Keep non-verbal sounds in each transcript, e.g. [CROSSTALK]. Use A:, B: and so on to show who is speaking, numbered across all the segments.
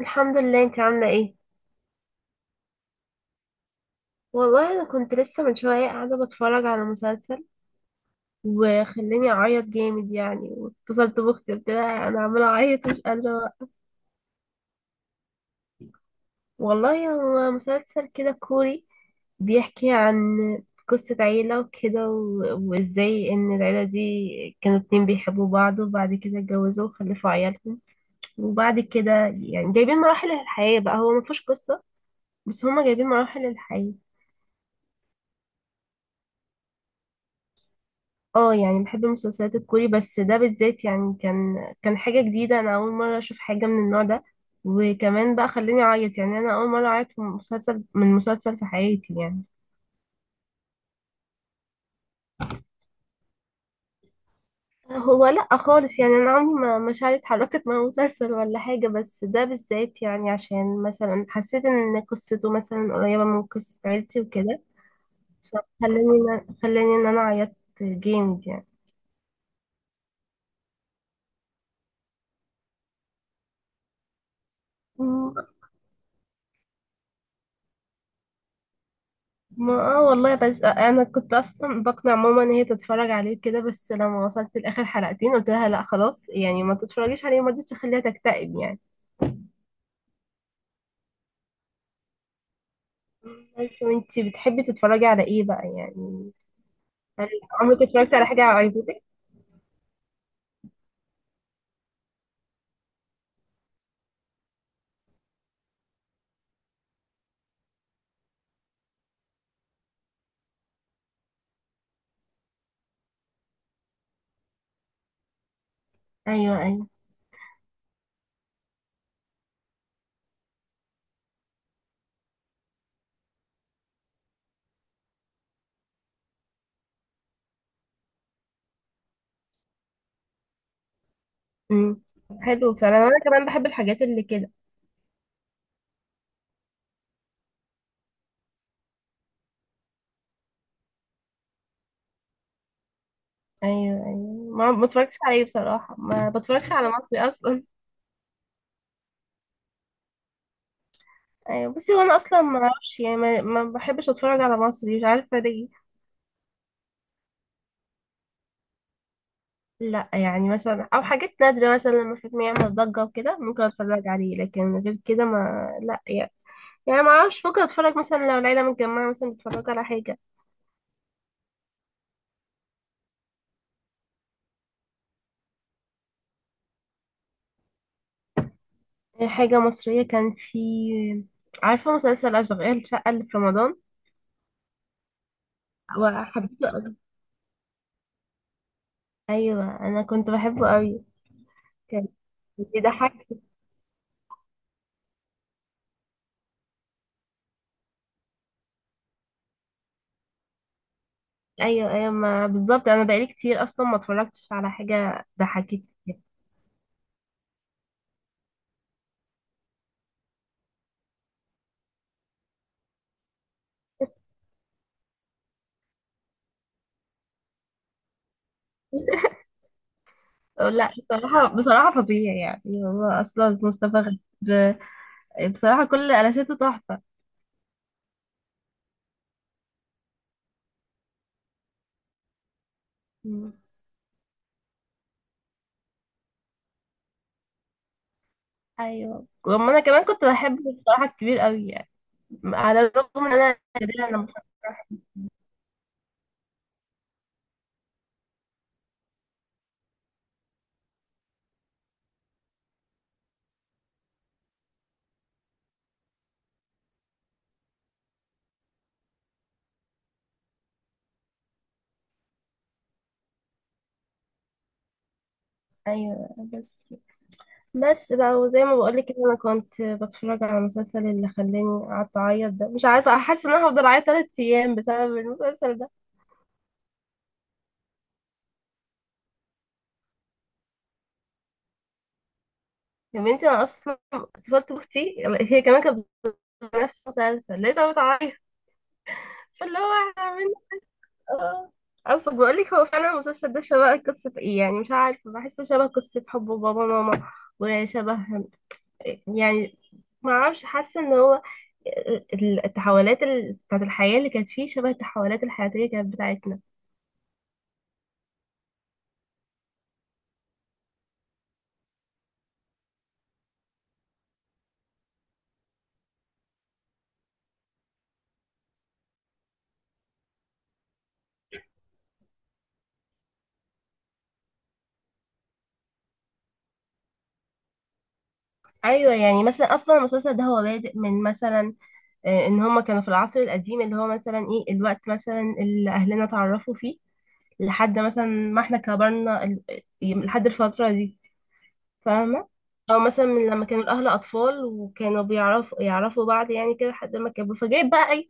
A: الحمد لله، انت عاملة ايه؟ والله انا كنت لسه من شوية قاعدة بتفرج على مسلسل وخلاني اعيط جامد يعني، واتصلت باختي قلت لها انا عمالة اعيط مش قادرة بقى. والله هو مسلسل كده كوري، بيحكي عن قصة عيلة وكده، و- وازاي ان العيلة دي كانوا اتنين بيحبوا بعض، وبعد كده اتجوزوا وخلفوا عيالهم، وبعد كده يعني جايبين مراحل الحياة بقى، هو مفيهوش قصة بس هما جايبين مراحل الحياة. اه يعني بحب المسلسلات الكوري، بس ده بالذات يعني كان حاجة جديدة، أنا أول مرة أشوف حاجة من النوع ده، وكمان بقى خلاني أعيط، يعني أنا أول مرة أعيط في مسلسل من مسلسل في حياتي يعني. هو لأ خالص، يعني أنا عمري ما شعرت حركة مع مسلسل ولا حاجة، بس ده بالذات يعني عشان مثلا حسيت إن قصته مثلا قريبة من قصة عيلتي وكده، فخلاني إن أنا عيطت جامد يعني. ما والله، بس انا كنت اصلا بقنع ماما ان هي تتفرج عليه كده، بس لما وصلت لاخر حلقتين قلت لها لا خلاص، يعني ما تتفرجيش عليه، ما رضيتش اخليها تكتئب يعني. بس وانتي بتحبي تتفرجي على ايه بقى يعني؟ هل عمرك اتفرجتي على حاجه على ايفوتك؟ ايوه، ايوه. امم حلو فعلا، انا كمان بحب الحاجات اللي كده. ايوه، ايوه، ما بتفرجش عليه بصراحه، ما بتفرجش على مصري اصلا. ايوه، بس هو انا اصلا ما اعرفش يعني، ما بحبش اتفرج على مصري مش عارفه ليه. لا يعني مثلا او حاجات نادرة، مثلا لما فيلم يعمل ضجة وكده ممكن اتفرج عليه، لكن غير كده ما لا يعني. يعني ما اعرفش، ممكن اتفرج مثلا لو العيلة متجمعة مثلا بتتفرج على حاجة. حاجة مصرية كان في، عارفة مسلسل أشغال شقة اللي في رمضان؟ وحبيته أوي، أيوة أنا كنت بحبه أوي. كان بيضحك. أيوة، أيوة، ما بالظبط، أنا بقالي كتير أصلا ما اتفرجتش على حاجة ضحكتني. [LAUGHS] لا بصراحة، بصراحة فظيع، يعني هو أصلا مصطفى غريب بصراحة كل قلاشاته تحفة. مم. ايوه، واما انا كمان كنت بحب بصراحة الكبير قوي يعني، على الرغم ان انا نادراً لما بشوف- ايوه، بس بقى، وزي ما بقول لك انا كنت بتفرج على المسلسل اللي خلاني قعدت اعيط ده، مش عارفة احس ان انا هفضل اعيط 3 ايام بسبب المسلسل ده. يا بنتي انا اصلا اتصلت باختي، هي كمان كانت بتتفرج على نفس المسلسل، لقيتها بتعيط. اللي هو اه اصل بقولك هو فعلا المسلسل ده شبه قصة ايه، يعني مش عارفة، بحسه شبه قصة حب بابا ماما، وشبه يعني، ما اعرفش، حاسة ان هو التحولات بتاعت الحياة اللي كانت فيه شبه التحولات الحياتية كانت بتاعتنا. ايوه يعني مثلا، اصلا المسلسل ده هو بادئ من مثلا ان هما كانوا في العصر القديم، اللي هو مثلا ايه الوقت مثلا اللي اهلنا اتعرفوا فيه، لحد مثلا ما احنا كبرنا لحد الفترة دي. فاهمة؟ أو مثلا من لما كانوا الأهل أطفال، وكانوا يعرفوا بعض يعني كده لحد ما كبروا، فجايب بقى أي،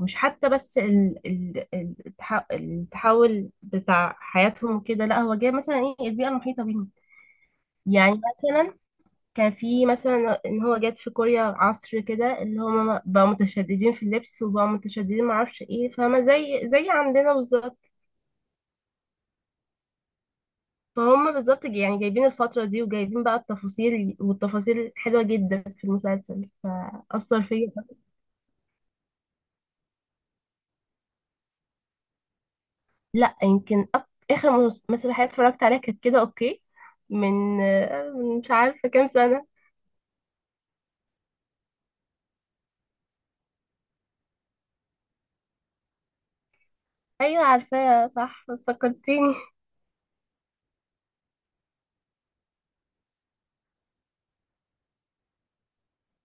A: مش حتى بس التحول بتاع حياتهم كده، لا هو جايب مثلا إيه البيئة المحيطة بيهم. يعني مثلا كان في مثلا إن هو جات في كوريا عصر كده اللي هم بقوا متشددين في اللبس، وبقوا متشددين معرفش إيه، فاهمة؟ زي عندنا بالظبط، ما هم بالظبط يعني جايبين الفترة دي وجايبين بقى التفاصيل، والتفاصيل حلوة جدا في المسلسل، فأثر فيا. لا يمكن آخر مسرحية اتفرجت عليها كانت كده أوكي، من مش عارفة كام سنة. أيوة عارفاها، صح فكرتيني.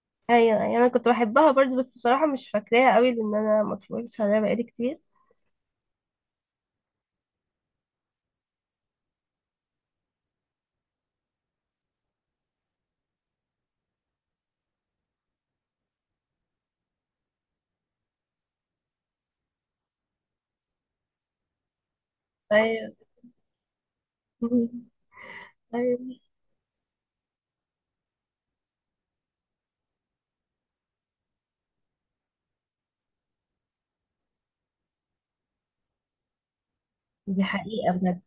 A: [LAUGHS] أيوة، أيوة أنا كنت بحبها برضه، بس بصراحة مش فاكراها قوي لأن أنا ما اتفرجتش عليها بقالي كتير. ايوه. [LAUGHS] أيوة. دي حقيقة بجد.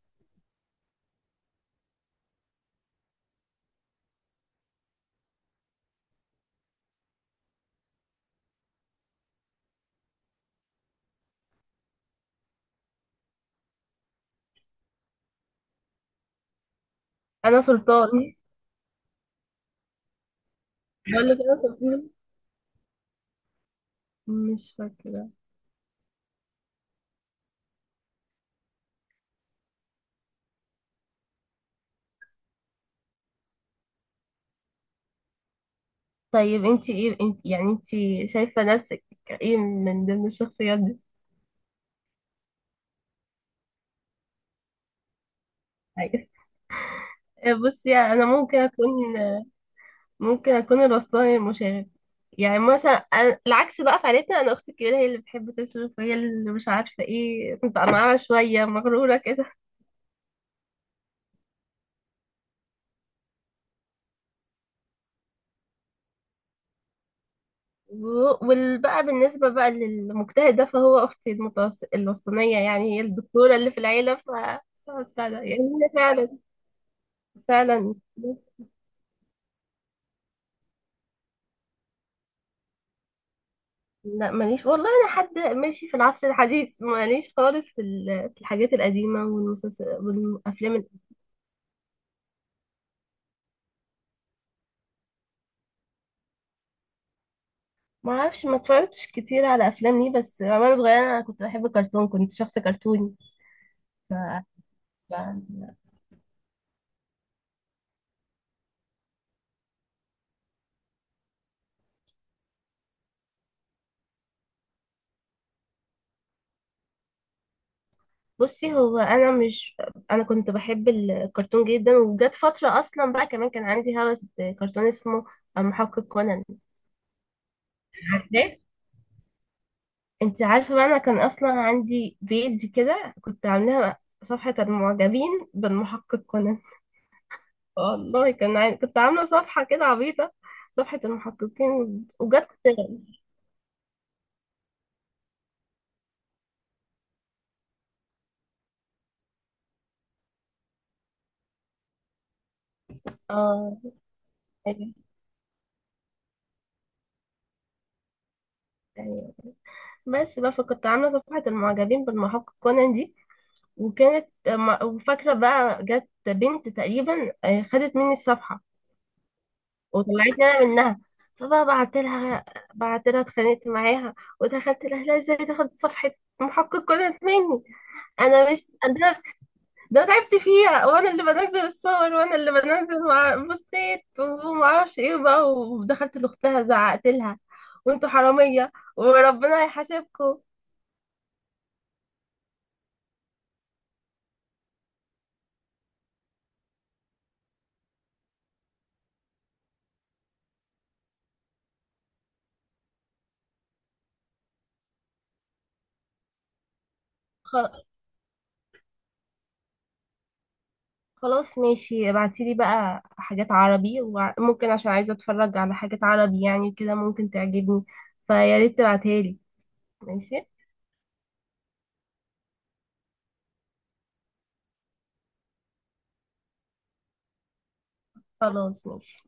A: أنا سلطان، بقول لك أنا سلطان. مش فاكرة. طيب انت ايه، انت شايفة نفسك ايه من ضمن الشخصيات دي؟ أيوة. بصي انا ممكن اكون الوسطاني المشاغب. يعني مثلا العكس بقى في عيلتنا، انا اختي الكبيرة هي اللي بتحب تصرف، وهي اللي مش عارفة ايه، كنت معاها شوية مغرورة كده. وبقى بالنسبة بقى للمجتهد ده، فهو اختي الوسطانية، يعني هي الدكتورة اللي في العيلة ف، فبتاع ده. يعني هي فعلا، فعلا. لا ماليش والله، انا حد ماشي في العصر الحديث، ماليش خالص في في الحاجات القديمه، والمسلسل والافلام ال-. ما اعرفش، ما اتفرجتش كتير على افلام ليه، بس وانا صغيره انا كنت بحب الكرتون، كنت شخص كرتوني. ف... ف... بصي هو انا مش انا كنت بحب الكرتون جدا، وجت فتره اصلا بقى، كمان كان عندي هوس بكرتون اسمه المحقق كونان، عارفاه؟ انت عارفه بقى انا كان اصلا عندي بيج كده كنت عاملاها، صفحه المعجبين بالمحقق كونان. والله كنت عاملة صفحة كده عبيطة، صفحة المحققين، وجت اه. أيوة، أيوة. بس بقى فكنت عاملة صفحة المعجبين بالمحقق كونان دي، وفاكرة بقى جت بنت تقريبا خدت مني الصفحة وطلعتني أنا منها، فبقى بعت لها، بعت لها اتخانقت معاها ودخلت لها، لا ازاي تاخد صفحة محقق كونان مني؟ انا مش انا ده تعبت فيها، وانا اللي بنزل الصور، وانا اللي بنزل مع بوستات وما اعرفش ايه بقى، ودخلت لاختها زعقت لها، وانتوا حراميه وربنا هيحاسبكم. خ- خلاص ماشي، ابعتي لي بقى حاجات عربي، وممكن عشان عايزه اتفرج على حاجات عربي يعني كده ممكن تعجبني، فيا ريت تبعتها لي. ماشي، خلاص ماشي.